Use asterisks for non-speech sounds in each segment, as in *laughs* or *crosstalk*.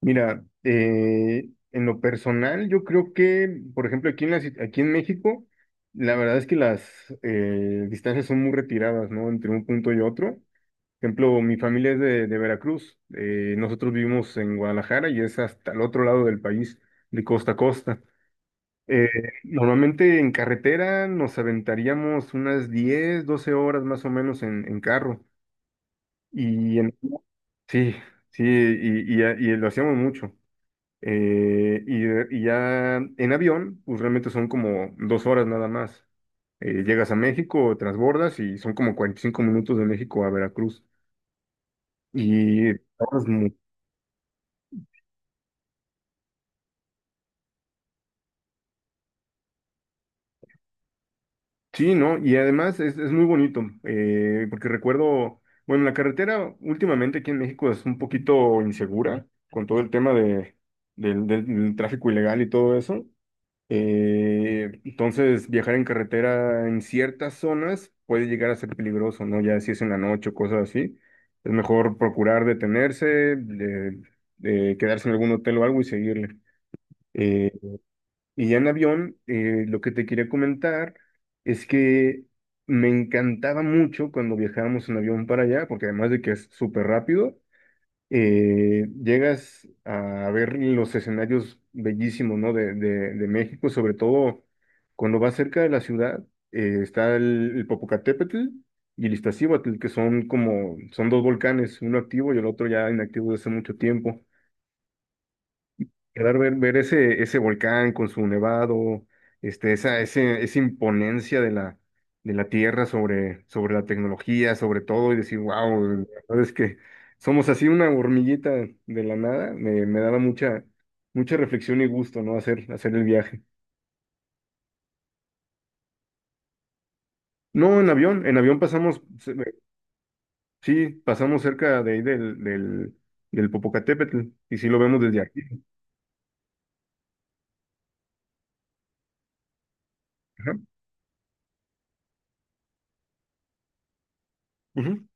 Mira, en lo personal, yo creo que, por ejemplo, aquí en México, la verdad es que las distancias son muy retiradas, ¿no? Entre un punto y otro. Por ejemplo, mi familia es de Veracruz. Nosotros vivimos en Guadalajara y es hasta el otro lado del país, de costa a costa. Eh, Normalmente en carretera nos aventaríamos unas 10, 12 horas más o menos en carro. Y en, sí, sí, y lo hacíamos mucho. Y ya en avión, pues realmente son como dos horas nada más. Llegas a México, transbordas y son como 45 minutos de México a Veracruz. Y ahorras mu- sí, ¿no? Y además es muy bonito, porque recuerdo, bueno, la carretera últimamente aquí en México es un poquito insegura con todo el tema de, del, del del tráfico ilegal y todo eso. Entonces, viajar en carretera en ciertas zonas puede llegar a ser peligroso, ¿no? Ya si es en la noche o cosas así, es mejor procurar detenerse, de, de quedarse en algún hotel o algo y seguirle. Eh, y ya en avión, lo que te quería comentar es que me encantaba mucho cuando viajábamos en avión para allá, porque además de que es súper rápido, llegas a ver los escenarios bellísimos, ¿no? De México, sobre todo cuando vas cerca de la ciudad, el Popocatépetl y el Iztaccíhuatl, que son como, son dos volcanes, uno activo y el otro ya inactivo desde hace mucho tiempo. Claro, ver ese volcán con su nevado, esa imponencia de la Tierra sobre, sobre la tecnología, sobre todo, y decir, wow, la verdad es que somos así una hormiguita de la nada, me daba mucha, mucha reflexión y gusto, ¿no? Hacer el viaje. No, en avión sí, pasamos cerca de ahí del Popocatépetl, y sí lo vemos desde aquí. Ajá, ujú,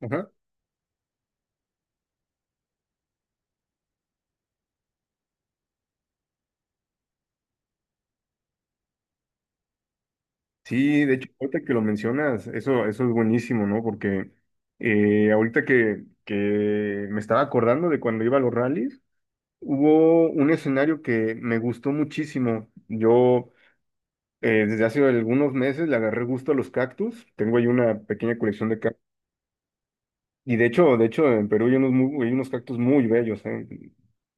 ajá. Sí, de hecho, ahorita que lo mencionas, eso es buenísimo, ¿no? Porque ahorita que me estaba acordando de cuando iba a los rallies, hubo un escenario que me gustó muchísimo. Yo desde hace algunos meses le agarré gusto a los cactus. Tengo ahí una pequeña colección de cactus. Y de hecho, en Perú hay hay unos cactus muy bellos, ¿eh?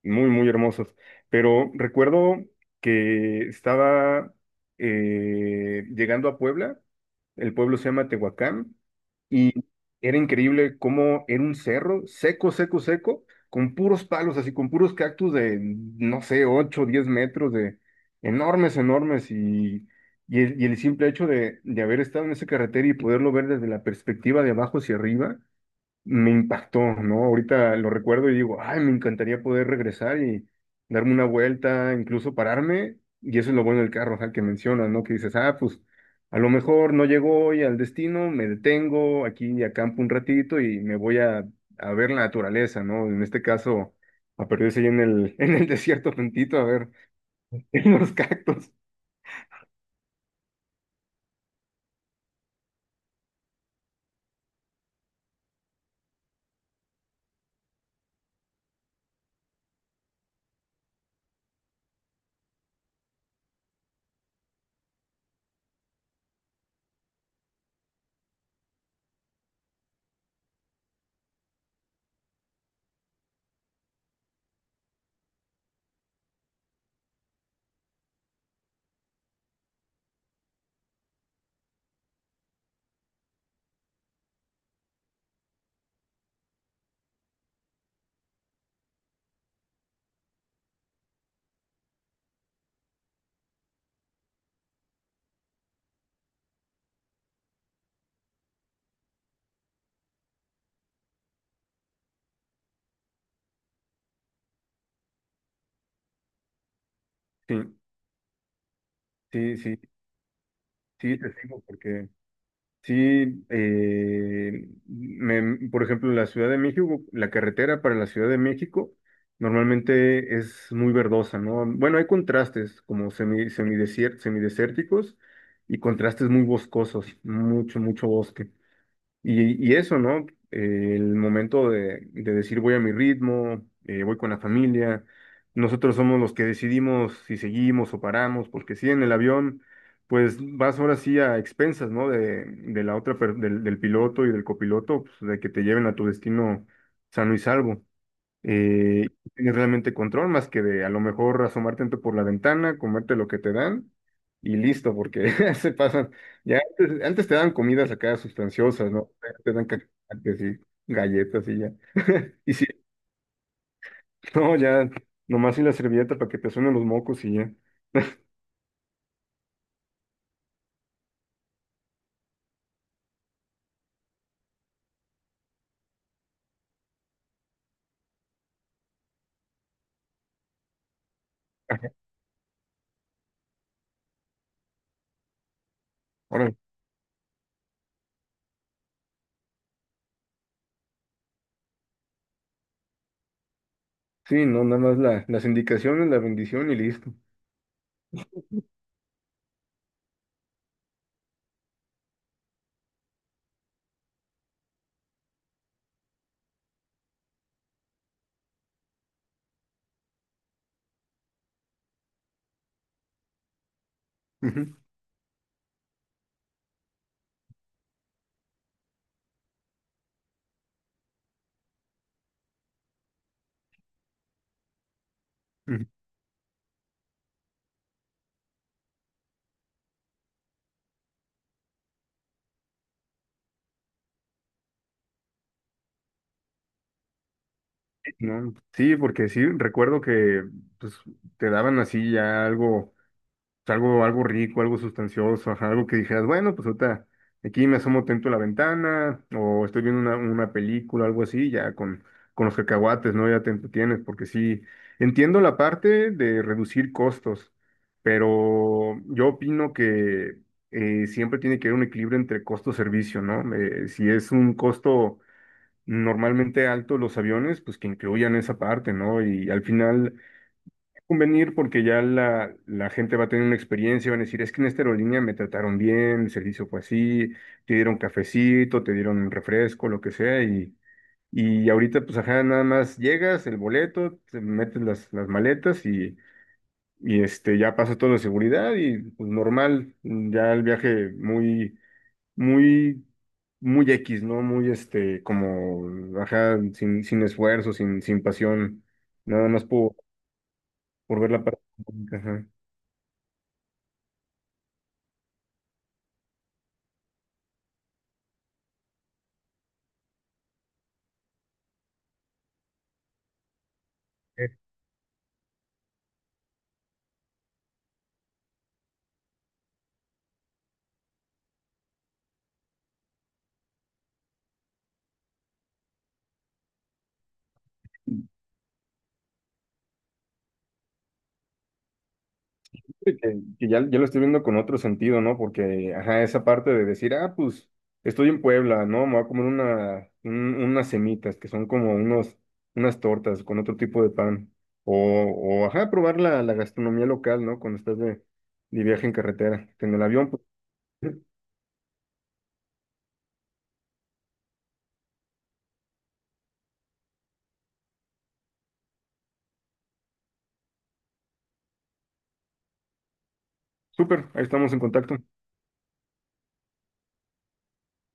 Muy, muy hermosos. Pero recuerdo que estaba llegando a Puebla. El pueblo se llama Tehuacán. Y era increíble cómo era un cerro seco, seco, seco, con puros palos, así con puros cactus de, no sé, 8 10 metros, de enormes, enormes. Y el simple hecho de haber estado en esa carretera y poderlo ver desde la perspectiva de abajo hacia arriba, me impactó, ¿no? Ahorita lo recuerdo y digo, ay, me encantaría poder regresar y darme una vuelta, incluso pararme, y eso es lo bueno del carro, o sea, que mencionas, ¿no? Que dices, ah, pues a lo mejor no llego hoy al destino, me detengo aquí y acampo un ratito y me voy a ver la naturaleza, ¿no? En este caso, a perderse ahí *laughs* en el desierto tantito, a ver, *laughs* en los cactus. Sí, sí, sí, sí, te sigo, sí, por ejemplo, la Ciudad de México, la carretera para la Ciudad de México normalmente es muy verdosa, ¿no? Bueno, hay contrastes como semidesérticos y contrastes muy boscosos, mucho, mucho bosque. Y eso, ¿no? El momento de decir voy a mi ritmo, voy con la familia. Nosotros somos los que decidimos si seguimos o paramos, porque si en el avión, pues vas ahora sí a expensas, ¿no? De la otra, per- del, del piloto y del copiloto, pues, de que te lleven a tu destino sano y salvo, no tienes realmente control más que de a lo mejor asomarte por la ventana, comerte lo que te dan y listo, porque *laughs* se pasan. Ya antes, antes te dan comidas acá sustanciosas, ¿no? Te dan cacahuates y galletas y ya. *laughs* Y sí, no, ya, nomás y la servilleta para que te suenen los mocos y ya. Ahora, sí, no, nada más las indicaciones, la bendición y listo. Ujú, ujú. Sí, no, sí, porque sí, recuerdo que pues, te daban así ya algo sea, algo, algo rico, algo sustancioso, ajá, algo que dijeras, bueno, pues ahorita aquí me asomo atento a la ventana, o estoy viendo una película, algo así, ya con los cacahuates, ¿no? Ya te entretienes, porque sí, entiendo la parte de reducir costos, pero yo opino que siempre tiene que haber un equilibrio entre costo-servicio, ¿no? Si es un costo normalmente alto los aviones, pues que incluyan esa parte, ¿no? Y al final convenir porque ya la gente va a tener una experiencia, van a decir, es que en esta aerolínea me trataron bien, el servicio fue así, te dieron cafecito, te dieron un refresco, lo que sea, y ahorita pues ajá, nada más llegas, el boleto, te metes las maletas y este, ya pasa todo de seguridad y pues normal, ya el viaje muy, muy, muy X, ¿no? Muy este, como, ajá, sin esfuerzo, sin pasión, nada más por ver la parte económica, ajá. que, que ya, ya lo estoy viendo con otro sentido, ¿no? Porque, ajá, esa parte de decir, ah, pues estoy en Puebla, ¿no? Me voy a comer unas semitas, que son como unos, unas tortas con otro tipo de pan. O ajá, probar la gastronomía local, ¿no? Cuando estás de viaje en carretera. En el avión, pues, *laughs* súper, ahí estamos en contacto.